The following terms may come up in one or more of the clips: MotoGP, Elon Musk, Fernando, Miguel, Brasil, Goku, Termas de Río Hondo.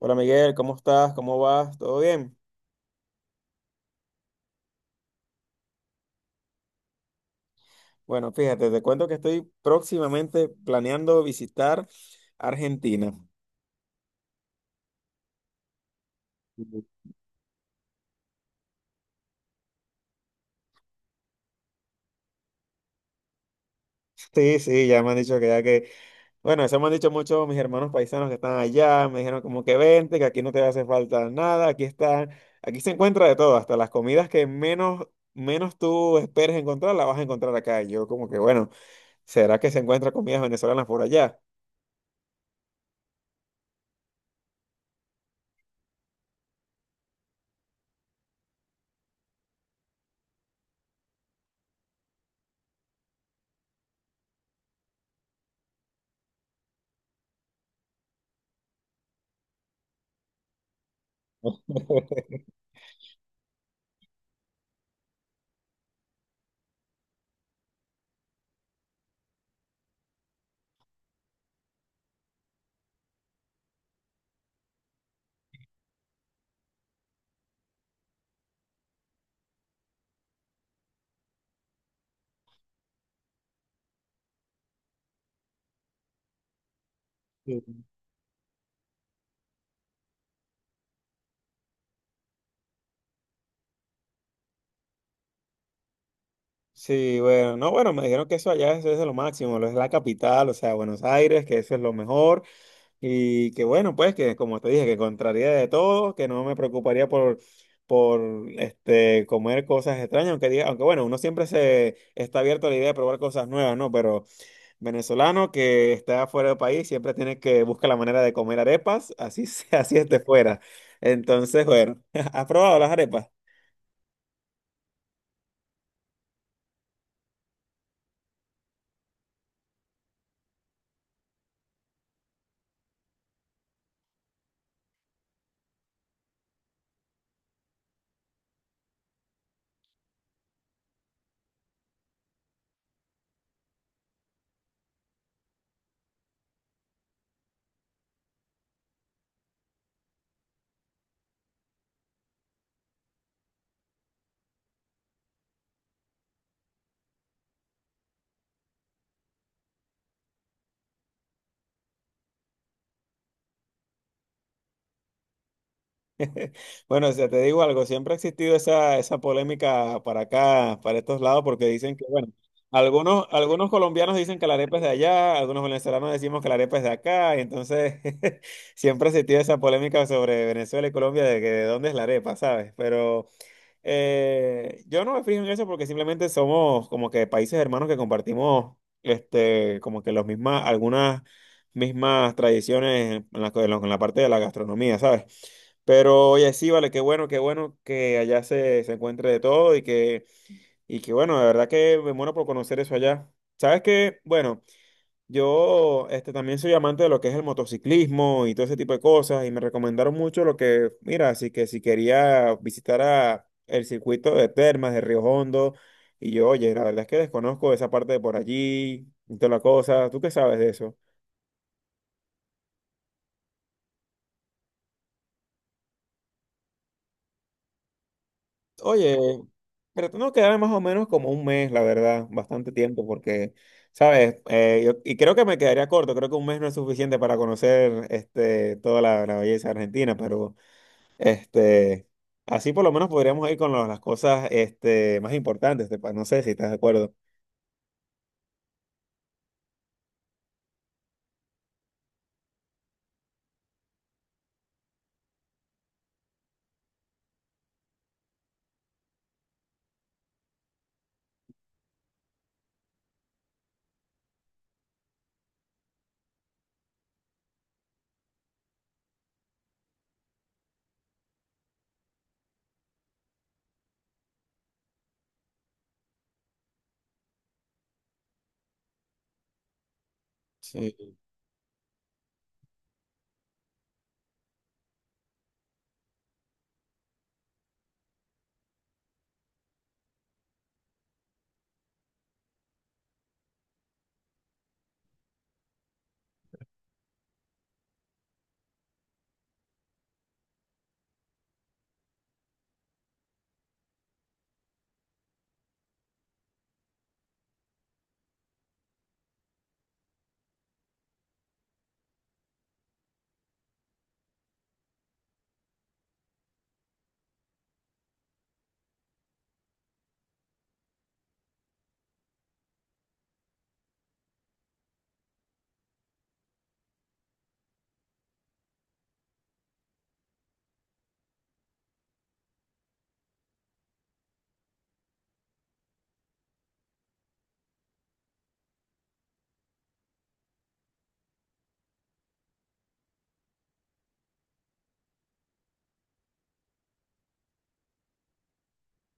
Hola Miguel, ¿cómo estás? ¿Cómo vas? ¿Todo bien? Bueno, fíjate, te cuento que estoy próximamente planeando visitar Argentina. Ujú. Sí, sí, ya me han dicho que ya que, bueno, eso me han dicho muchos mis hermanos paisanos que están allá, me dijeron como que vente, que aquí no te hace falta nada, aquí está, aquí se encuentra de todo, hasta las comidas que menos, menos tú esperes encontrar, las vas a encontrar acá. Y yo como que, bueno, ¿será que se encuentran comidas venezolanas por allá? Sí, bueno, no, bueno, me dijeron que eso allá eso es lo máximo, lo es la capital, o sea, Buenos Aires, que eso es lo mejor y que bueno, pues que como te dije, que contraría de todo, que no me preocuparía por este comer cosas extrañas, aunque diga, aunque bueno, uno siempre se está abierto a la idea de probar cosas nuevas, ¿no? Pero venezolano que está fuera del país siempre tiene que buscar la manera de comer arepas, así sea, así esté fuera. Entonces, bueno, ¿has probado las arepas? Bueno, o sea, te digo algo, siempre ha existido esa, esa polémica para acá, para estos lados, porque dicen que, bueno, algunos, algunos colombianos dicen que la arepa es de allá, algunos venezolanos decimos que la arepa es de acá, y entonces siempre ha existido esa polémica sobre Venezuela y Colombia de que de dónde es la arepa, ¿sabes? Pero yo no me fijo en eso porque simplemente somos como que países hermanos que compartimos, este, como que los mismas, algunas mismas tradiciones en la, en la parte de la gastronomía, ¿sabes? Pero oye, sí, vale, qué bueno que allá se, se encuentre de todo y que bueno, de verdad que me muero por conocer eso allá. Sabes que, bueno, yo este, también soy amante de lo que es el motociclismo y todo ese tipo de cosas y me recomendaron mucho lo que, mira, así que si quería visitar a el circuito de Termas de Río Hondo y yo, oye, la verdad es que desconozco esa parte de por allí y toda la cosa. ¿Tú qué sabes de eso? Oye, pero tengo que quedarme más o menos como un mes, la verdad, bastante tiempo, porque, ¿sabes? Yo- y creo que me quedaría corto, creo que un mes no es suficiente para conocer este, toda la, la belleza argentina, pero este, así por lo menos podríamos ir con lo- las cosas este, más importantes, te pa- no sé si estás de acuerdo.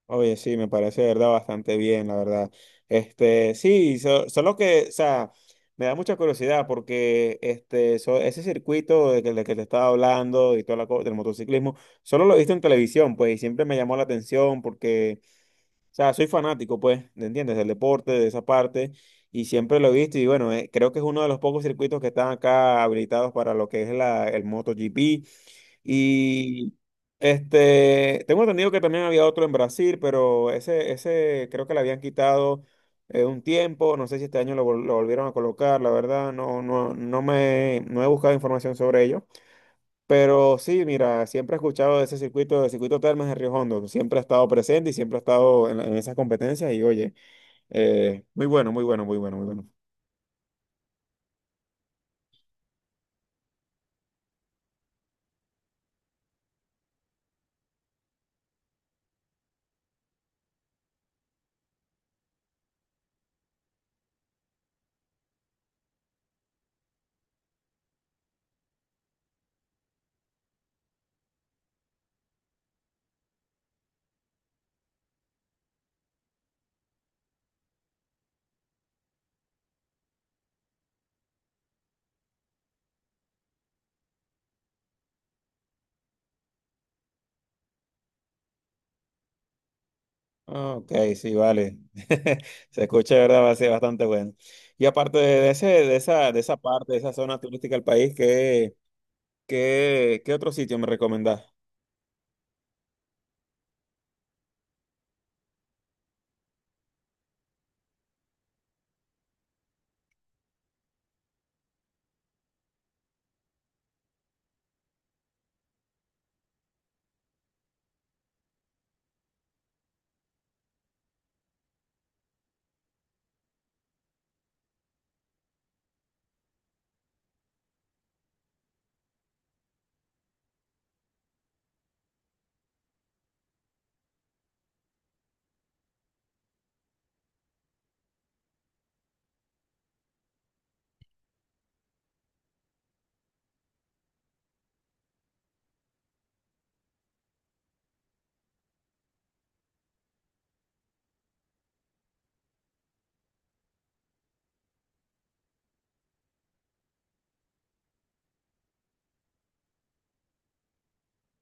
Oye, sí, me parece de verdad bastante bien, la verdad. Este, sí, so- solo que, o sea, me da mucha curiosidad porque este, so- ese circuito de que te estaba hablando y toda la cosa del motociclismo, solo lo he visto en televisión, pues, y siempre me llamó la atención porque, o sea, soy fanático, pues, ¿me entiendes? Del deporte, de esa parte, y siempre lo he visto, y bueno, creo que es uno de los pocos circuitos que están acá habilitados para lo que es la, el MotoGP. Y este, tengo entendido que también había otro en Brasil, pero ese creo que le habían quitado un tiempo. No sé si este año lo, vol- lo volvieron a colocar, la verdad, no, no, no me, no he buscado información sobre ello. Pero sí, mira, siempre he escuchado de ese circuito, del circuito Termas de Río Hondo. Siempre ha estado presente y siempre ha estado en, la- en esas competencias. Y oye, muy bueno, muy bueno, muy bueno, muy bueno. Ah, ok, sí, vale. Se escucha, de ¿verdad? Va a ser bastante bueno. Y aparte de ese, de esa parte, de esa zona turística del país, ¿qué, qué, qué otro sitio me recomendás?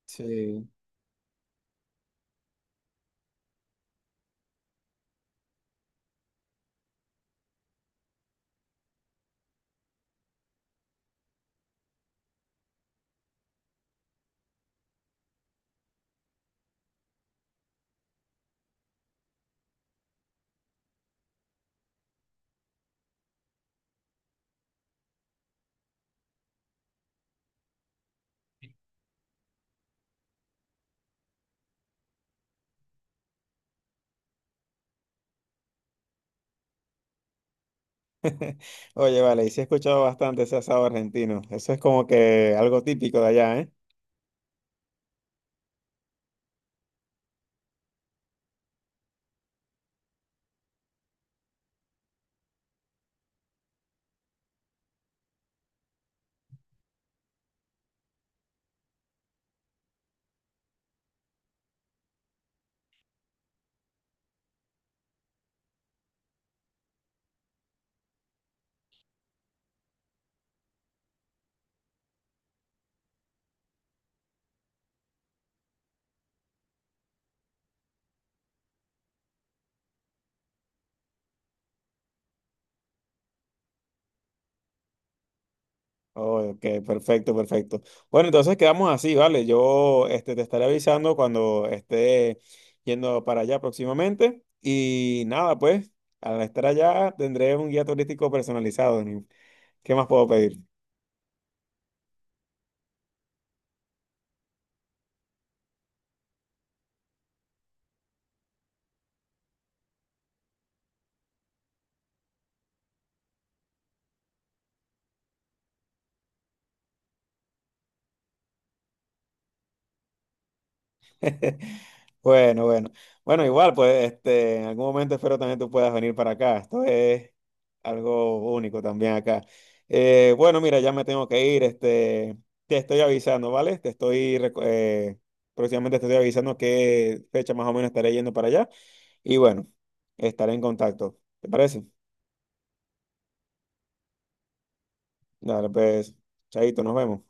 Sí. Oye, vale, y sí he escuchado bastante ese asado argentino. Eso es como que algo típico de allá, ¿eh? Oh, ok, perfecto, perfecto. Bueno, entonces quedamos así, ¿vale? Yo este, te estaré avisando cuando esté yendo para allá próximamente. Y nada, pues, al estar allá tendré un guía turístico personalizado. ¿Qué más puedo pedir? Bueno, bueno. Bueno, igual, pues, este, en algún momento espero también tú puedas venir para acá. Esto es algo único también acá. Bueno, mira, ya me tengo que ir. Este, te estoy avisando, ¿vale? Te estoy, reco- próximamente te estoy avisando qué fecha más o menos estaré yendo para allá. Y bueno, estaré en contacto. ¿Te parece? Dale, pues, chaito, nos vemos.